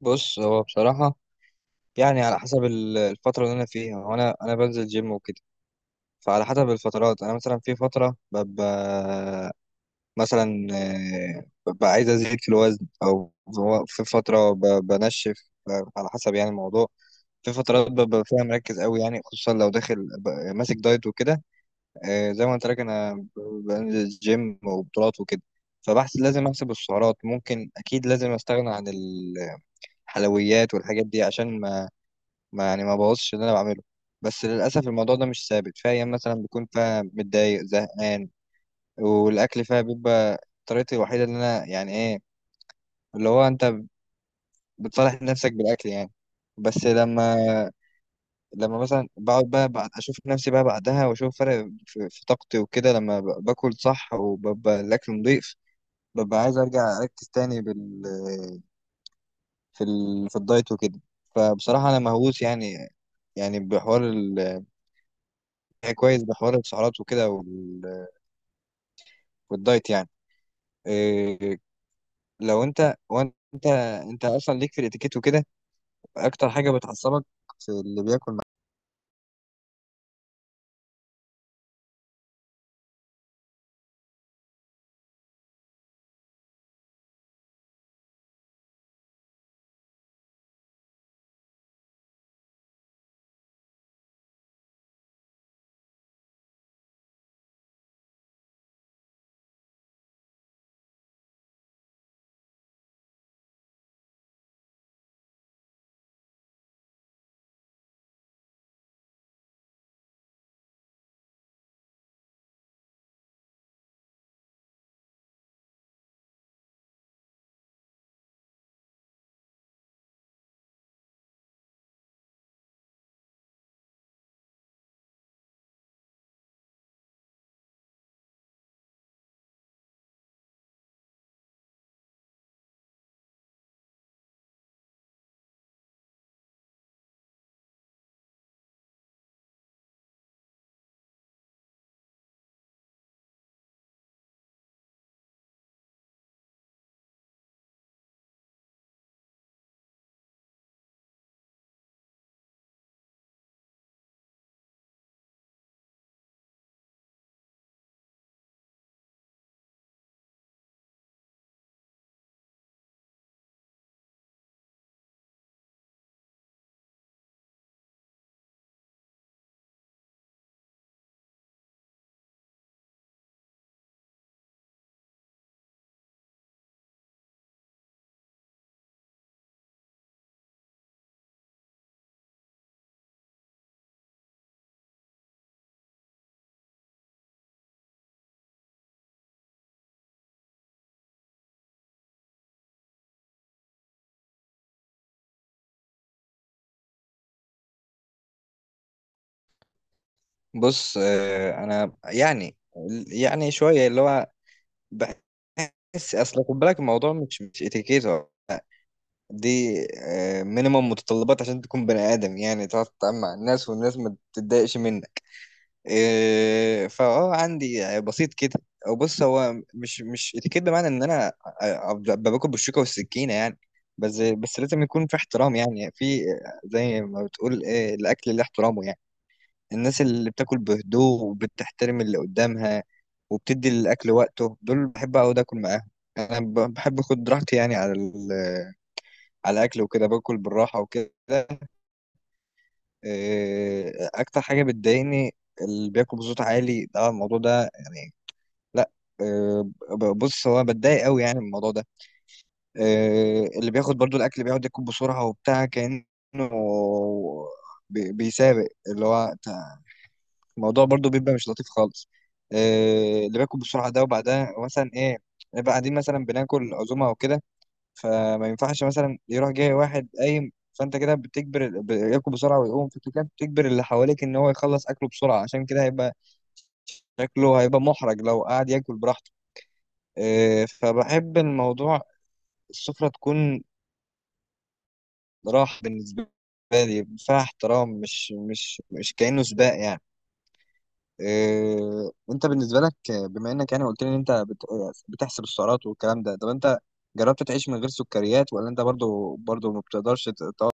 بص هو بصراحة. يعني على حسب الفترة اللي أنا فيها. وأنا بنزل جيم وكده. فعلى حسب الفترات أنا مثلا في فترة ببقى مثلا، ببقى عايز أزيد في الوزن، أو في فترة بنشف. على حسب يعني الموضوع. في فترات ببقى فيها مركز قوي، يعني خصوصا لو داخل ماسك دايت وكده. زي ما قلت لك أنا بنزل جيم وبطولات وكده. فبحس لازم أحسب السعرات، ممكن أكيد لازم أستغنى عن الحلويات والحاجات دي عشان ما يعني ما بوظش اللي انا بعمله. بس للاسف الموضوع ده مش ثابت، في ايام مثلا بكون فيها متضايق زهقان، والاكل فيها بيبقى طريقتي الوحيده. ان انا يعني ايه، اللي هو انت بتصالح نفسك بالاكل يعني. بس لما مثلا بقعد بقى بعد اشوف نفسي بقى بعدها، واشوف فرق في طاقتي وكده، لما باكل صح وببقى الاكل نضيف، ببقى عايز ارجع اركز تاني في الدايت وكده. فبصراحه انا مهووس يعني بحوار، يعني كويس، بحوار السعرات وكده والدايت يعني. إيه، لو انت وانت اصلا ليك في الاتيكيت وكده، اكتر حاجه بتعصبك في اللي بياكل معاك؟ بص، إيه انا يعني شويه. اللي هو بحس، اصل خد بالك، الموضوع مش اتيكيت. هو دي مينيمم متطلبات عشان تكون بني ادم يعني، تعرف تتعامل مع الناس والناس ما تتضايقش منك. إيه، فاه عندي بسيط كده. او بص هو مش اتيكيت بمعنى ان انا أبقى باكل بالشوكه والسكينه يعني، بس لازم يكون في احترام يعني، في زي ما بتقول إيه، الاكل اللي احترامه يعني. الناس اللي بتاكل بهدوء وبتحترم اللي قدامها وبتدي الاكل وقته، دول بحب اقعد اكل معاهم. انا بحب اخد راحتي يعني على على الاكل وكده، باكل بالراحه وكده. إيه، اكتر حاجه بتضايقني اللي بياكل بصوت عالي ده، الموضوع ده يعني، لا. آه، بص هو بتضايق قوي يعني من الموضوع ده. اللي بياخد برضو الاكل بيقعد ياكل بسرعه وبتاع، كانه بيسابق، الموضوع برضو بيبقى مش لطيف خالص. اللي بياكل بسرعه ده، وبعدها مثلا ايه، نبقى قاعدين مثلا بناكل عزومه او كده، فما ينفعش مثلا يروح جاي واحد قايم. فانت كده بتجبر ياكل بسرعه ويقوم، فانت كده بتجبر اللي حواليك ان هو يخلص اكله بسرعه، عشان كده هيبقى شكله هيبقى محرج لو قعد ياكل براحته. فبحب الموضوع، السفرة تكون راحة بالنسبة لي فيها احترام، مش كأنه سباق يعني. وانت بالنسبة لك، بما انك يعني قلت لي ان انت بتحسب السعرات والكلام ده، طب انت جربت تعيش من غير سكريات، ولا انت برضو ما بتقدرش تقعد؟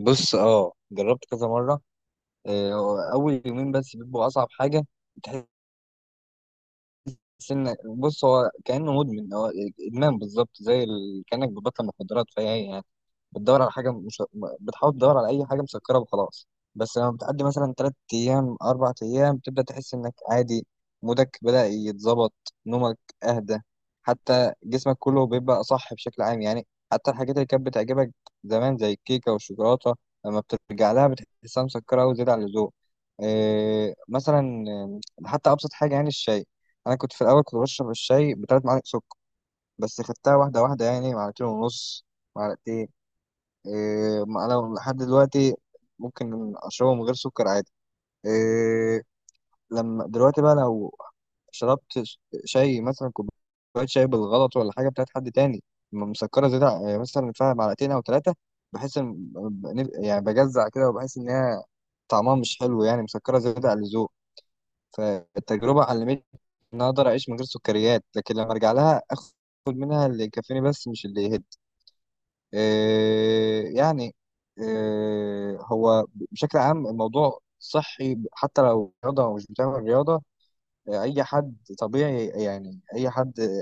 بص، جربت كذا مرة. اول يومين بس بيبقوا اصعب حاجة. بتحس ان، بص، هو كأنه مدمن، هو ادمان بالظبط، زي كأنك بتبطل مخدرات. فهي بتدور على حاجه مش... بتحاول تدور على اي حاجه مسكره وخلاص. بس لما بتعدي مثلا 3 ايام 4 ايام، بتبدا تحس انك عادي، مودك بدا يتظبط، نومك اهدى، حتى جسمك كله بيبقى اصح بشكل عام يعني. حتى الحاجات اللي كانت بتعجبك زمان زي الكيكه والشوكولاته، لما بترجع لها بتحسها مسكره وزياده عن اللزوم. إيه مثلا، حتى ابسط حاجه يعني الشاي. انا كنت في الاول كنت بشرب الشاي ب3 معالق سكر، بس خدتها واحده واحده يعني معلقتين ونص، معلقتين. إيه، ما انا لحد دلوقتي ممكن اشربه من غير سكر عادي. إيه، لما دلوقتي بقى لو شربت شاي، مثلا كوبايه شاي بالغلط ولا حاجه بتاعت حد تاني مسكره زياده إيه، مثلا فيها معلقتين او ثلاثه، بحس ان يعني بجزع كده، وبحس ان هي طعمها مش حلو يعني، مسكره زياده عن اللزوم. فالتجربه علمتني ان أنا اقدر اعيش من غير سكريات، لكن لما ارجع لها اخد منها اللي يكفيني بس، مش اللي يهد. يعني، هو بشكل عام الموضوع صحي، حتى لو رياضة أو مش بتعمل رياضة. أي حد طبيعي يعني، أي حد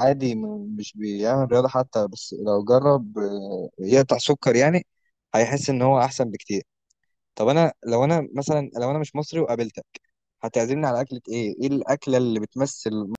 عادي مش بيعمل رياضة حتى، بس لو جرب يقطع سكر يعني، هيحس إن هو أحسن بكتير. طب أنا لو أنا مثلا، لو أنا مش مصري وقابلتك، هتعزمني على أكلة إيه؟ إيه الأكلة اللي بتمثل